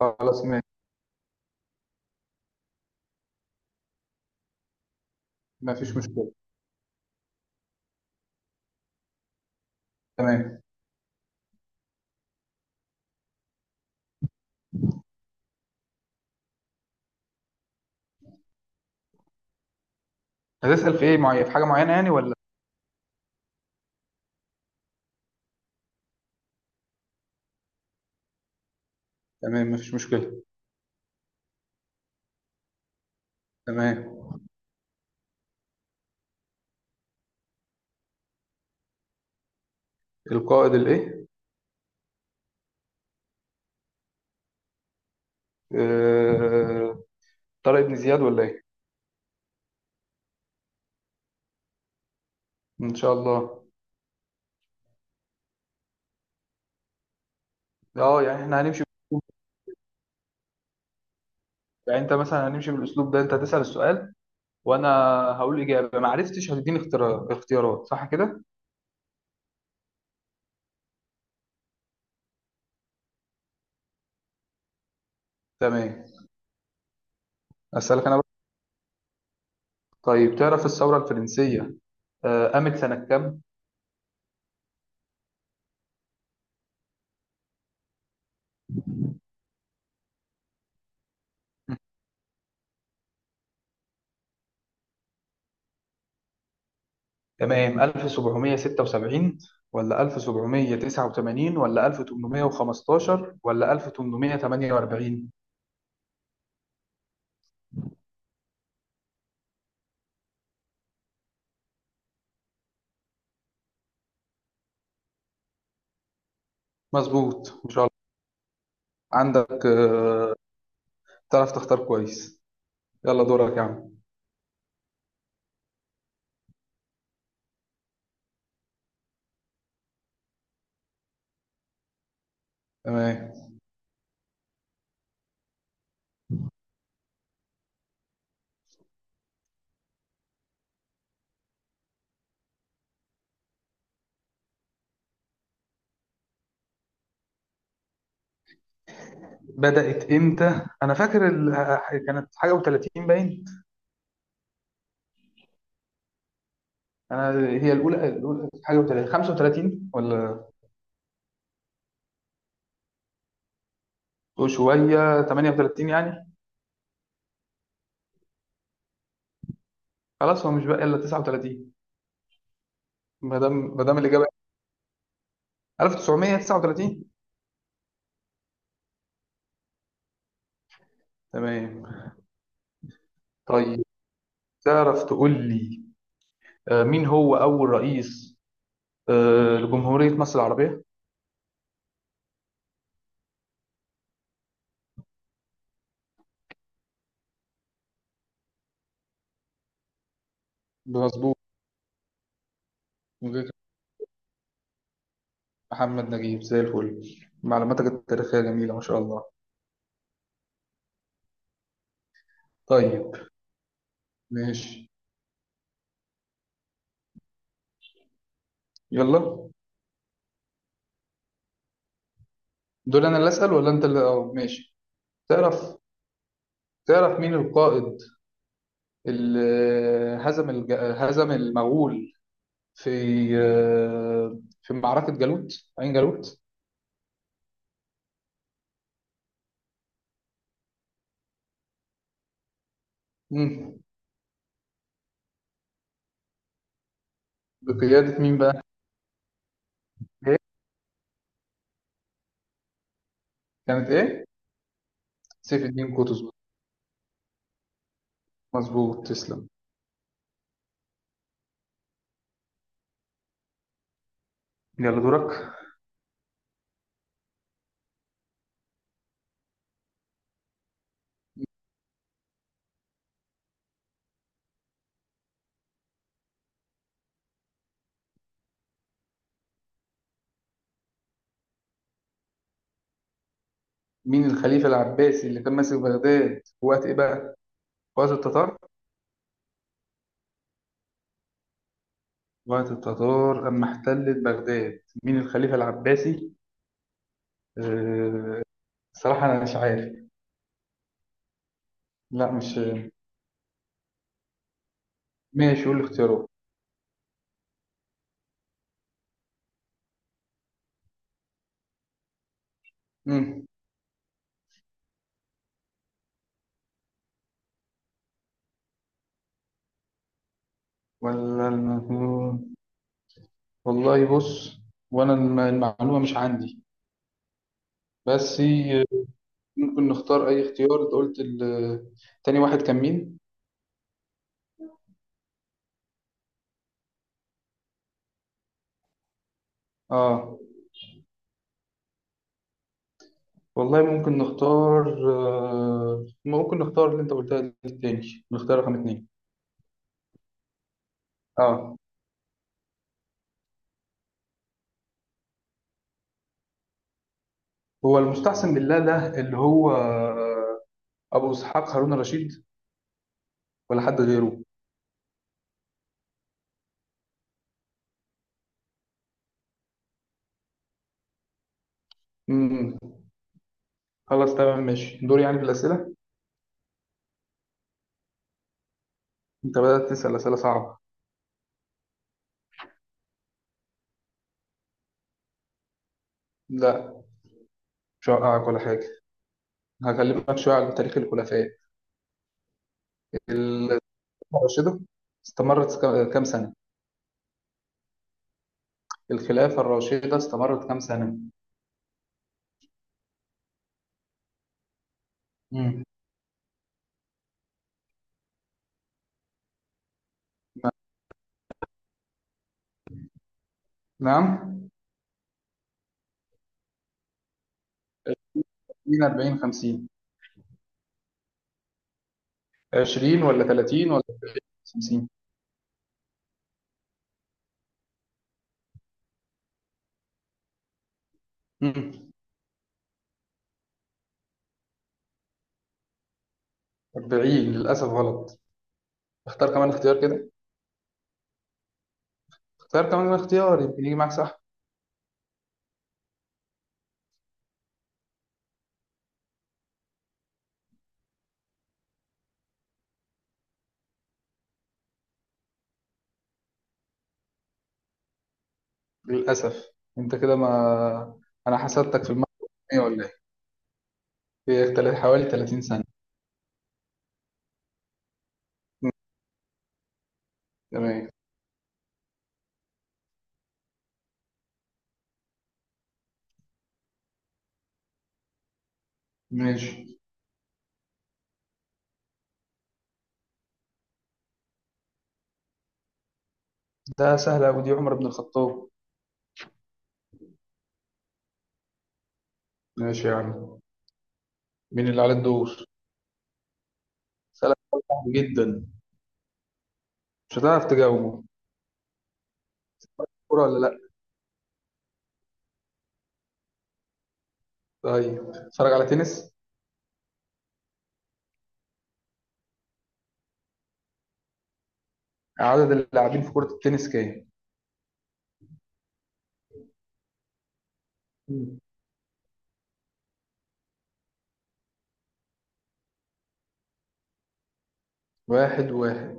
خلاص، ماشي. ما فيش مشكلة. تمام. هتسأل في ايه معين، في حاجة معينة يعني ولا؟ تمام، ما فيش مشكلة. تمام. القائد الايه؟ آه... طارق بن زياد ولا ايه؟ ان شاء الله. اه، يعني احنا هنمشي بالأسلوب ده. يعني انت مثلا هنمشي بالاسلوب ده، انت هتسأل السؤال وانا هقول اجابة، ما عرفتش هتديني اختيارات، صح كده؟ تمام، اسألك انا بقى. طيب، تعرف الثورة الفرنسية قامت سنة كام؟ تمام، 1776 ولا 1789 ولا 1815 ولا 1848؟ مظبوط ما شاء الله. عندك، تعرف تختار كويس. يلا دورك يا عم. تمام. بدأت امتى؟ انا فاكر كانت حاجه و30 باين. انا، هي الاولى حاجه و30، 35 ولا؟ شويه 38 يعني. خلاص، هو مش بقى الا 39. ما دام الاجابه 1939. تمام. طيب، تعرف تقول لي مين هو أول رئيس لجمهورية مصر العربية؟ مظبوط. مدير محمد نجيب، زي الفل. معلوماتك التاريخية جميلة ما شاء الله. طيب، ماشي، يلا. دول أنا اللي أسأل ولا أنت اللي ماشي؟ تعرف تعرف مين القائد اللي هزم المغول في في معركة عين جالوت؟ مم. بقيادة مين بقى؟ إيه؟ كانت إيه؟ سيف الدين قطز. مظبوط، تسلم. يلا دورك. مين الخليفة العباسي اللي كان ماسك بغداد في وقت إيه بقى؟ في وقت التتار؟ وقت التتار أما احتلت بغداد، مين الخليفة العباسي؟ أه... صراحة أنا مش عارف. لا، مش ماشي قول الاختيارات. مم. ولا المجنون؟ والله بص، وأنا المعلومة مش عندي. بس ممكن نختار أي اختيار. أنت قلت تاني واحد كان مين؟ آه. والله ممكن نختار، ممكن نختار اللي انت قلتها دي، التاني، نختار رقم 2. اه. هو المستحسن بالله ده اللي هو ابو اسحاق هارون الرشيد، ولا حد غيره؟ امم خلاص، تمام، ماشي. دور يعني بالاسئله. انت بدات تسال اسئله صعبه. لا، مش هوقعك ولا حاجه. هكلمك شويه عن تاريخ الخلفاء. الخلافه الراشده استمرت كام سنه؟ الخلافه الراشده استمرت كام سنه؟ امم نعم. 20، 40، 50. 20 ولا 30؟ 50. مم. 40 للأسف غلط. اختار كمان اختيار كده. اختار كمان اختيار، يمكن يجي معاك صح. للأسف. انت كده ما... انا حسدتك في المية ولا ايه؟ في حوالي 30 سنة. تمام، ماشي. ده سهل أوي، دي عمر بن الخطاب. ماشي يا عم. مين اللي عليه الدور؟ سهل، صعب جدا، مش هتعرف تجاوبه. كورة ولا لأ؟ طيب، اتفرج على تنس. عدد اللاعبين في كرة التنس كام؟ مم. واحد واحد.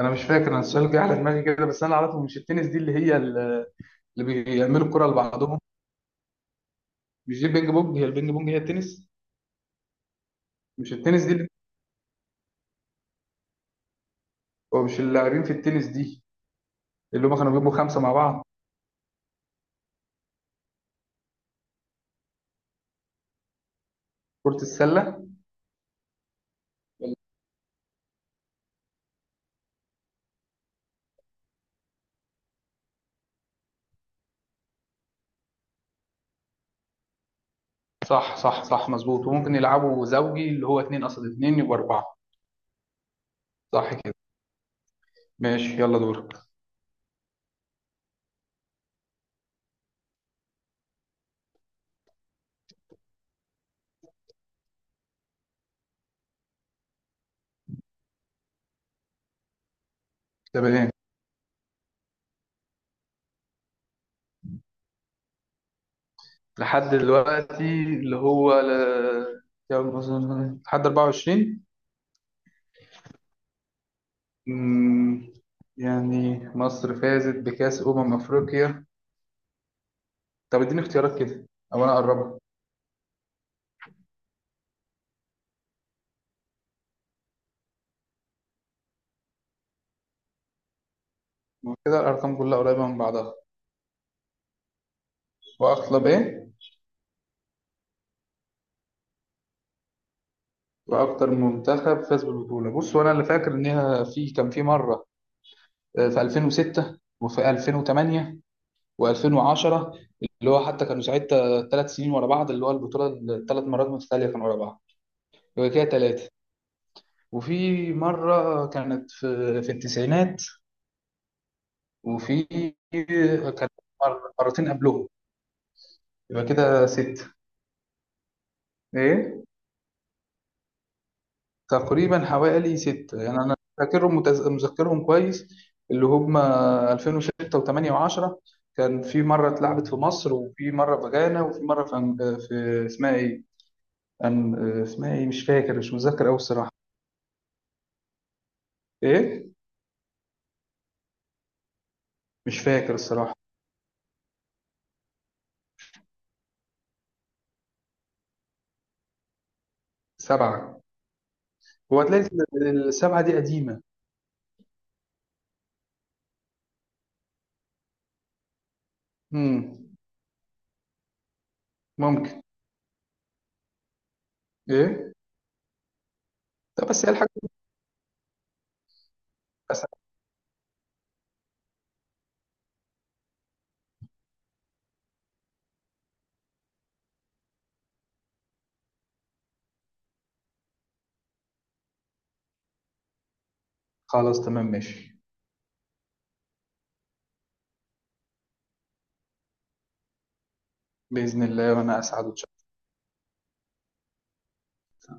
انا مش فاكر، انا السؤال جه على دماغي كده. بس انا اعرفه، مش التنس دي اللي هي اللي بيعملوا الكره لبعضهم. مش دي البينج بونج، هي البينج بونج هي التنس. مش التنس دي اللي هو مش اللاعبين في التنس دي اللي هم كانوا بيبقوا خمسه مع بعض؟ كره السله. صح، صح، صح، مظبوط. وممكن يلعبوا زوجي اللي هو اتنين قصاد اتنين، يبقى اربعه. صح كده. ماشي، يلا دورك. تمام. لحد دلوقتي اللي هو يلا مثلاً لحد 24؟ أمم، يعني مصر فازت بكأس أمم أفريقيا. طب اديني اختيارات كده، او انا اقربها. كده الارقام كلها قريبه من بعضها. واغلب ايه؟ واكتر منتخب فاز بالبطوله. بص، وانا اللي فاكر ان هي في كان في مره في 2006 وفي 2008 و2010. اللي هو حتى كانوا ساعتها 3 سنين ورا بعض، اللي هو البطوله، الثلاث مرات متتاليه كانوا ورا بعض. يبقى كده ثلاثه. وفي مره كانت في التسعينات. وفي كانت مرتين قبلهم. يبقى كده ست. ايه. تقريبا حوالي ستة يعني، أنا فاكرهم، مذكرهم كويس. اللي هم 2006 و8 و10. كان في مرة اتلعبت في مصر، وفي مرة في غانا، وفي مرة في, في اسمها إيه؟ أن- اسمها إيه؟ مش فاكر، مش متذكر أوي الصراحة. إيه؟ مش فاكر الصراحة. سبعة. هو هتلاقي السبعة دي قديمة. مم. ممكن. إيه؟ طب بس هي الحاجة. أسعد. خلاص، تمام، ماشي. بإذن الله، وأنا أسعد إن شاء الله.